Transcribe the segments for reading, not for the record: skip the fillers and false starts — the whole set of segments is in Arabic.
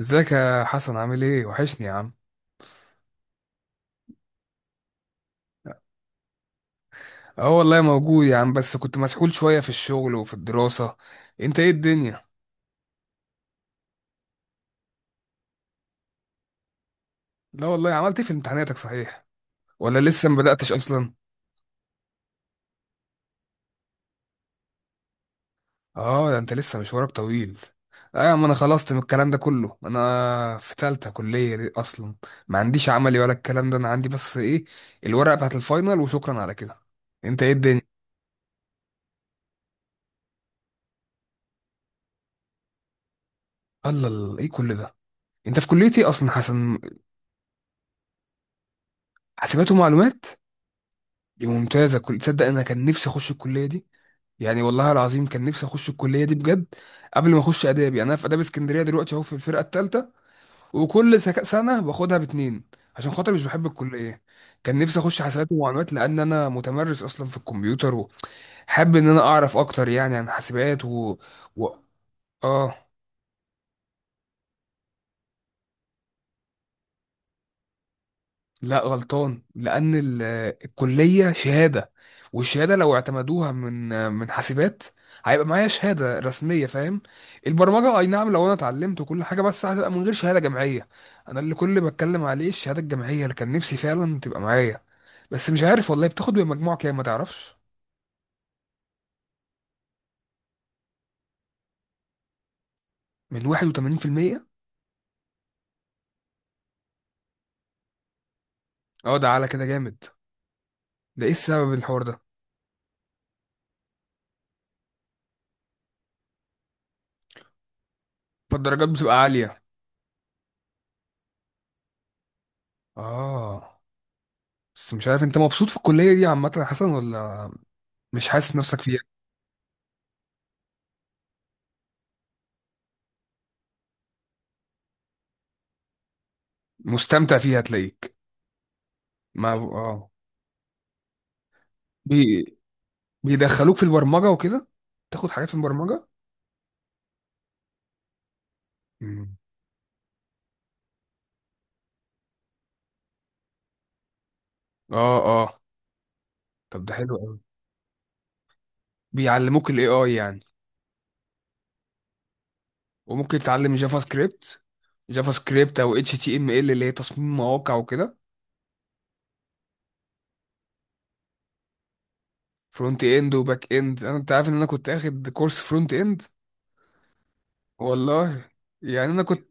ازيك يا حسن؟ عامل ايه؟ وحشني يا عم. اه والله موجود يا عم، بس كنت مسحول شوية في الشغل وفي الدراسة. انت ايه الدنيا؟ لا والله، عملت ايه في امتحاناتك صحيح، ولا لسه ما بدأتش اصلا؟ اه ده انت لسه مشوارك طويل. اه يا عم، انا خلصت من الكلام ده كله، انا في تالتة كلية اصلا. ما عنديش عملي ولا الكلام ده، انا عندي بس ايه؟ الورقة بتاعت الفاينل وشكرا على كده. انت ايه الدنيا؟ الله الله، ايه كل ده؟ انت في كلية ايه اصلا حسن؟ حاسبات ومعلومات؟ دي ممتازة. كل تصدق انا كان نفسي اخش الكلية دي. يعني والله العظيم كان نفسي اخش الكلية دي بجد. قبل ما اخش ادابي، انا في اداب اسكندرية دلوقتي اهو في الفرقة التالتة. وكل سنة باخدها باتنين، عشان خاطر مش بحب الكلية. كان نفسي اخش حاسبات ومعلومات، لان انا متمرس اصلا في الكمبيوتر، وحابب ان انا اعرف اكتر يعني عن حاسبات و... اه. لا غلطان، لان الكليه شهاده، والشهاده لو اعتمدوها من حاسبات، هيبقى معايا شهاده رسميه، فاهم؟ البرمجه اي نعم، لو انا اتعلمت وكل حاجه، بس هتبقى من غير شهاده جامعيه. انا اللي كل اللي بتكلم عليه الشهاده الجامعيه اللي كان نفسي فعلا تبقى معايا. بس مش عارف والله بتاخد بمجموع كام، ما تعرفش؟ من 81%. اه ده على كده جامد. ده ايه السبب الحوار ده؟ ما الدرجات بتبقى عاليه. اه. بس مش عارف انت مبسوط في الكليه دي عامه يا حسن ولا مش حاسس نفسك فيها؟ مستمتع فيها هتلاقيك. ما اه. بي... بيدخلوك في البرمجة وكده، تاخد حاجات في البرمجة. مم. اه اه. طب ده حلو قوي. بيعلموك الاي اي يعني؟ وممكن تتعلم جافا سكريبت؟ جافا سكريبت او اتش تي ام ال اللي هي تصميم مواقع وكده؟ فرونت اند وباك اند، انا انت عارف ان انا كنت اخد كورس فرونت اند. والله يعني، انا كنت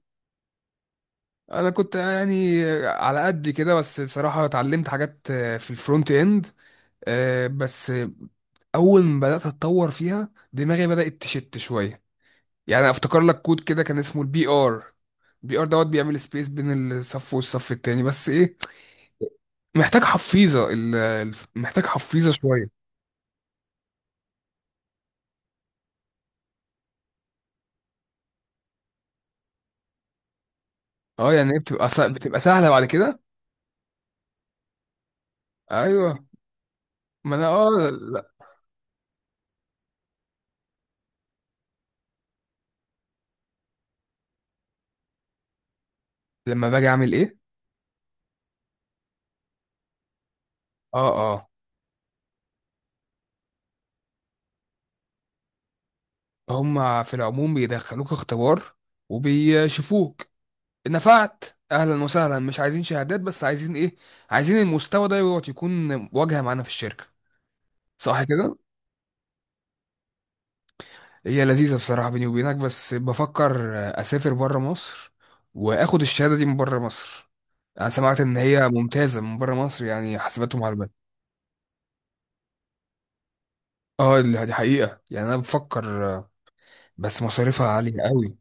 انا كنت يعني على قد كده، بس بصراحة اتعلمت حاجات في الفرونت اند بس اول ما بدات اتطور فيها، دماغي بدات تشت شويه. يعني أنا افتكر لك كود كده كان اسمه البي ار. البي ار دوت بيعمل سبيس بين الصف والصف التاني، بس ايه؟ محتاج حفيظه محتاج حفيظه شويه. اه. يعني ايه، بتبقى سهله بعد كده؟ ايوه. ما انا اه، لا. لما باجي اعمل ايه؟ اه اه. هم في العموم بيدخلوك اختبار وبيشوفوك. نفعت؟ اهلا وسهلا. مش عايزين شهادات، بس عايزين ايه؟ عايزين المستوى ده يقعد يكون واجهه معانا في الشركه. صح كده؟ هي لذيذة بصراحة بيني وبينك، بس بفكر أسافر بره مصر وآخد الشهادة دي من بره مصر. أنا سمعت إن هي ممتازة من بره مصر، يعني حاسبات ومعلومات. اه دي دي حقيقة، يعني أنا بفكر. بس مصاريفها عالية قوي.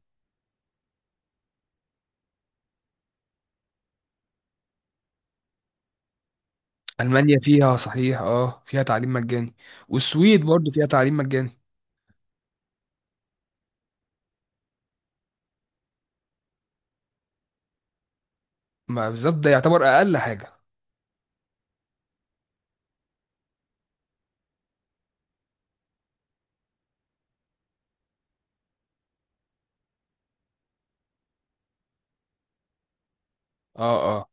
ألمانيا فيها صحيح، اه فيها تعليم مجاني. والسويد برضو فيها تعليم مجاني. ما بالظبط، ده يعتبر أقل حاجة. اه. آه.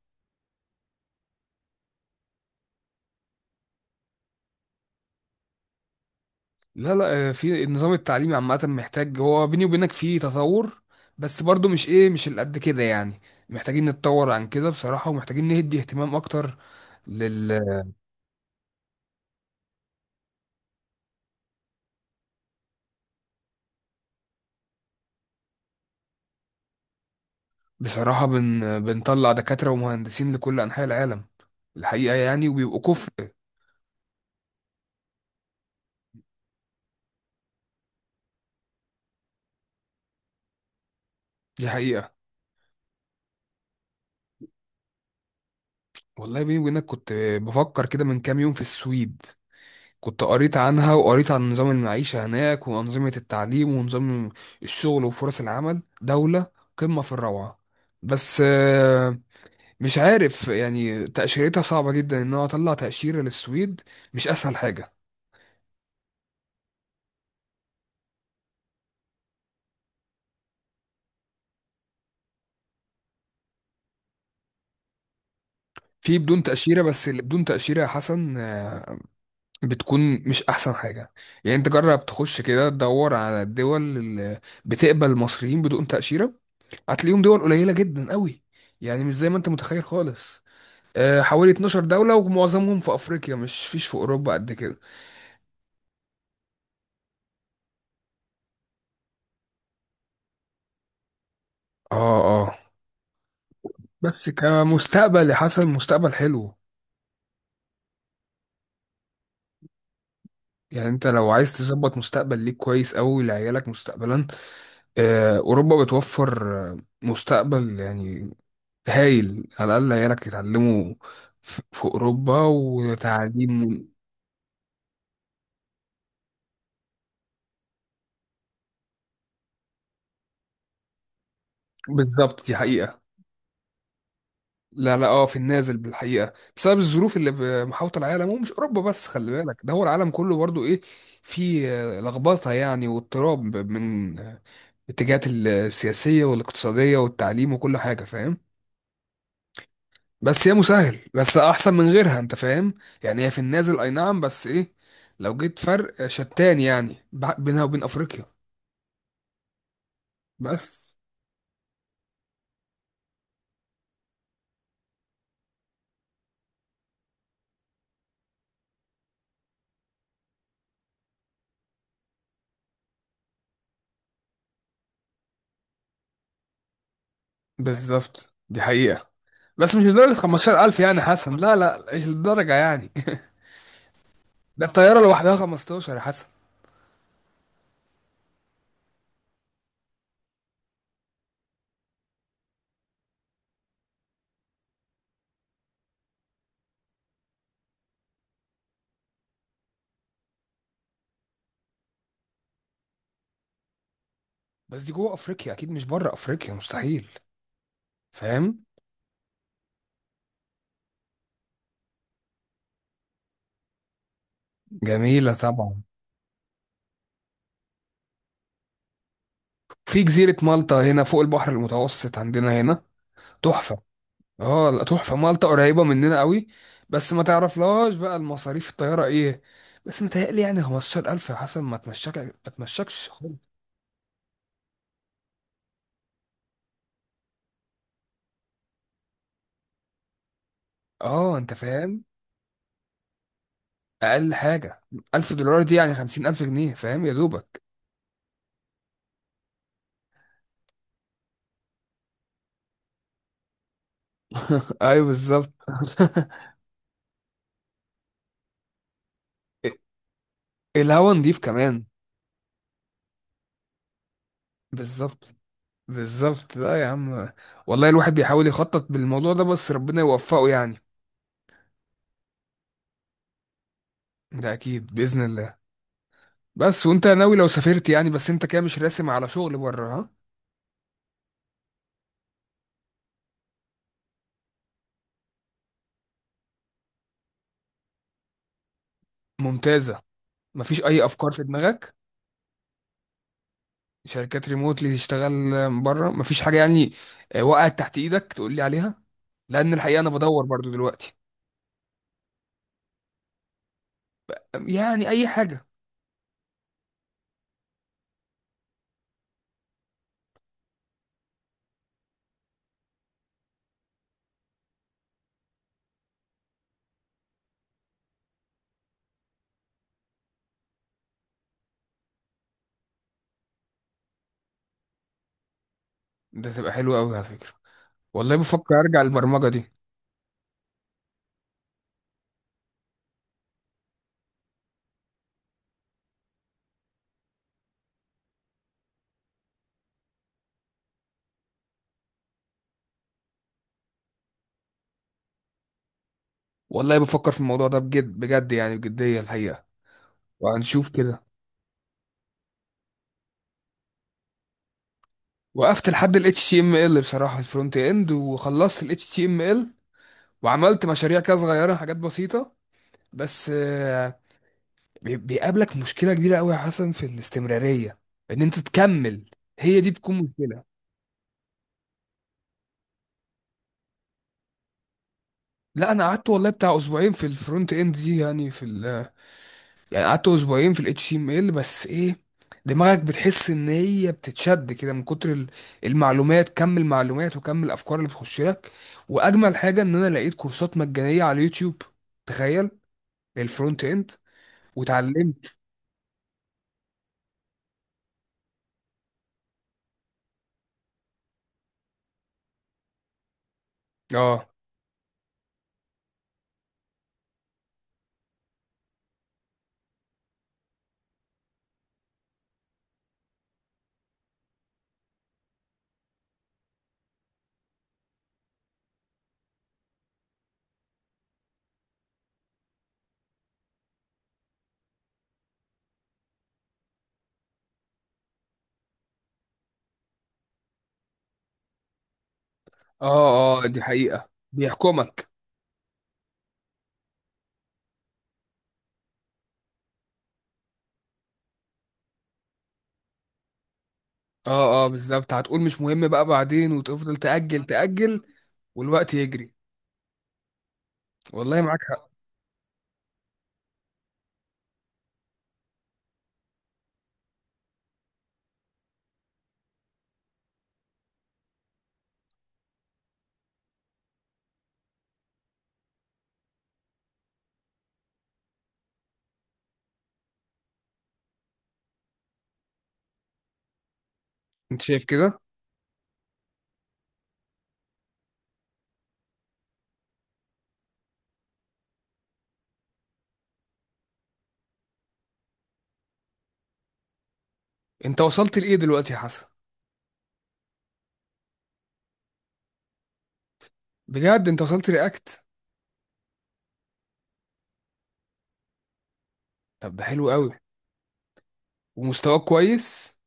لا لا، في النظام التعليمي عامة محتاج، هو بيني وبينك فيه تطور، بس برضو مش ايه، مش اللي قد كده يعني. محتاجين نتطور عن كده بصراحة، ومحتاجين نهدي اهتمام اكتر لل. بصراحة بنطلع دكاترة ومهندسين لكل انحاء العالم، الحقيقة يعني، وبيبقوا كفء. دي حقيقة. والله بيني وبينك كنت بفكر كده من كام يوم في السويد. كنت قريت عنها وقريت عن نظام المعيشة هناك وأنظمة التعليم ونظام الشغل وفرص العمل. دولة قمة في الروعة. بس مش عارف يعني، تأشيرتها صعبة جدا، إن أنا أطلع تأشيرة للسويد مش أسهل حاجة. في بدون تأشيرة، بس اللي بدون تأشيرة يا حسن بتكون مش أحسن حاجة. يعني أنت جرب تخش كده تدور على الدول اللي بتقبل المصريين بدون تأشيرة، هتلاقيهم دول قليلة جدا قوي. يعني مش زي ما أنت متخيل خالص. حوالي 12 دولة، ومعظمهم في أفريقيا، مش فيش في أوروبا قد كده. اه اه. بس كمستقبل يا حسن، مستقبل حلو. يعني انت لو عايز تظبط مستقبل ليك كويس أوي لعيالك مستقبلا، أوروبا بتوفر آه، مستقبل يعني هايل. على الأقل عيالك يتعلموا في في أوروبا وتعليم. بالظبط، دي حقيقة. لا لا اه، في النازل بالحقيقه بسبب الظروف اللي محاوطه العالم، ومش اوروبا بس، خلي بالك، ده هو العالم كله برضو ايه. في لخبطه يعني واضطراب من الاتجاهات السياسيه والاقتصاديه والتعليم وكل حاجه، فاهم؟ بس هي مسهل، بس احسن من غيرها، انت فاهم؟ يعني هي في النازل اي نعم، بس ايه؟ لو جيت فرق شتان يعني بينها وبين افريقيا. بس بالظبط، دي حقيقه. بس مش لدرجه 15000 يعني حسن، لا لا مش للدرجه يعني. ده الطياره لوحدها 15 يا حسن. بس دي جوه افريقيا اكيد، مش بره افريقيا مستحيل. فاهم؟ جميله طبعا. في جزيره مالطا هنا فوق البحر المتوسط عندنا هنا، تحفه. اه لا تحفه، مالطا قريبه مننا قوي. بس ما تعرفلهاش بقى المصاريف الطياره ايه. بس متهيألي يعني 15000 يا حسن ما تمشكش خالص. اه انت فاهم. اقل حاجه 1000 دولار، دي يعني 50000 جنيه، فاهم يا دوبك؟ ايوه بالظبط. الهوا نضيف كمان. بالظبط بالظبط. لا يا عم، والله الواحد بيحاول يخطط بالموضوع ده، بس ربنا يوفقه يعني. ده اكيد باذن الله. بس وانت ناوي لو سافرت يعني، بس انت كده مش راسم على شغل بره، ها؟ ممتازه. مفيش اي افكار في دماغك؟ شركات ريموت اللي تشتغل بره؟ مفيش حاجه يعني وقعت تحت ايدك تقول لي عليها؟ لان الحقيقه انا بدور برضو دلوقتي. يعني اي حاجه. ده تبقى حلوه قوي على فكره. والله بفكر ارجع للبرمجه دي. والله بفكر في الموضوع ده بجد بجد، يعني بجديه الحقيقه. وهنشوف كده. وقفت لحد ال HTML بصراحة في الفرونت اند، وخلصت ال HTML وعملت مشاريع كده صغيرة، حاجات بسيطة. بس بيقابلك مشكلة كبيرة قوي يا حسن في الاستمرارية، ان انت تكمل. هي دي بتكون مشكلة. لا انا قعدت والله بتاع اسبوعين في الفرونت اند دي، يعني في، يعني قعدت اسبوعين في الاتش تي ام ال، بس ايه؟ دماغك بتحس ان هي بتتشد كده من كتر المعلومات، كم المعلومات وكم الافكار اللي بتخش لك. واجمل حاجه ان انا لقيت كورسات مجانيه على اليوتيوب، تخيل، للفرونت اند، واتعلمت. اه اه. اه دي حقيقه، بيحكمك. اه اه بالظبط، هتقول مش مهم بقى بعدين، وتفضل تاجل تاجل. والوقت يجري. والله معاك حق. انت شايف كده. انت وصلت لايه دلوقتي يا حسن؟ بجد انت وصلت رياكت؟ طب ده حلو قوي. ومستواك كويس.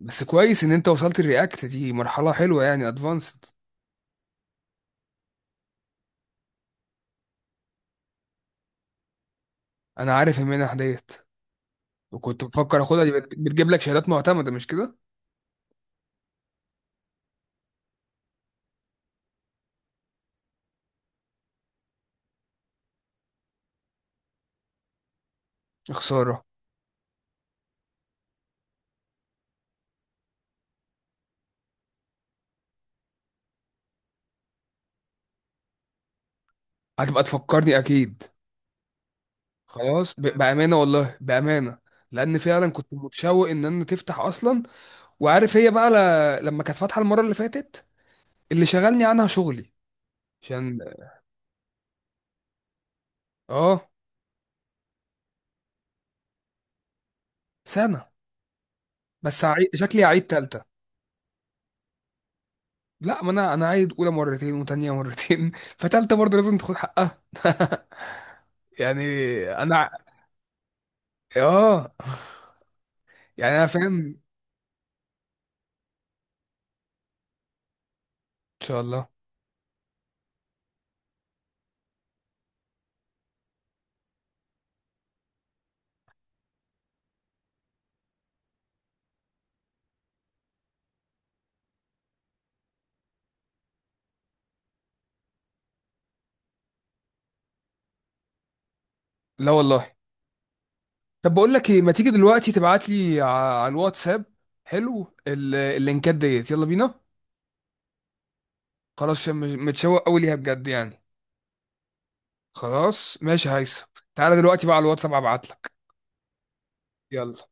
بس كويس ان انت وصلت الرياكت دي، مرحلة حلوة يعني ادفانسد. انا عارف المنح ديت، وكنت بفكر اخدها، دي بتجيب لك شهادات معتمدة، مش كده؟ يا خسارة. هتبقى تفكرني اكيد. خلاص. بأمانة والله بأمانة، لان فعلا كنت متشوق ان انا تفتح اصلا. وعارف هي بقى لما كانت فاتحة المرة اللي فاتت، اللي شغلني عنها شغلي، عشان اه. سنة. بس شكلي عيد تالتة. لا ما انا، انا عايد اولى مرتين وتانية مرتين فتالتة برضه لازم تاخد حقها يعني. انا ع- اه يعني انا فاهم. ان شاء الله. لا والله. طب بقول لك ايه، ما تيجي دلوقتي تبعت لي على الواتساب حلو اللينكات ديت، يلا بينا. خلاص، عشان متشوق قوي ليها بجد يعني. خلاص ماشي هيثم. تعالى دلوقتي بقى على الواتساب ابعت لك. يلا.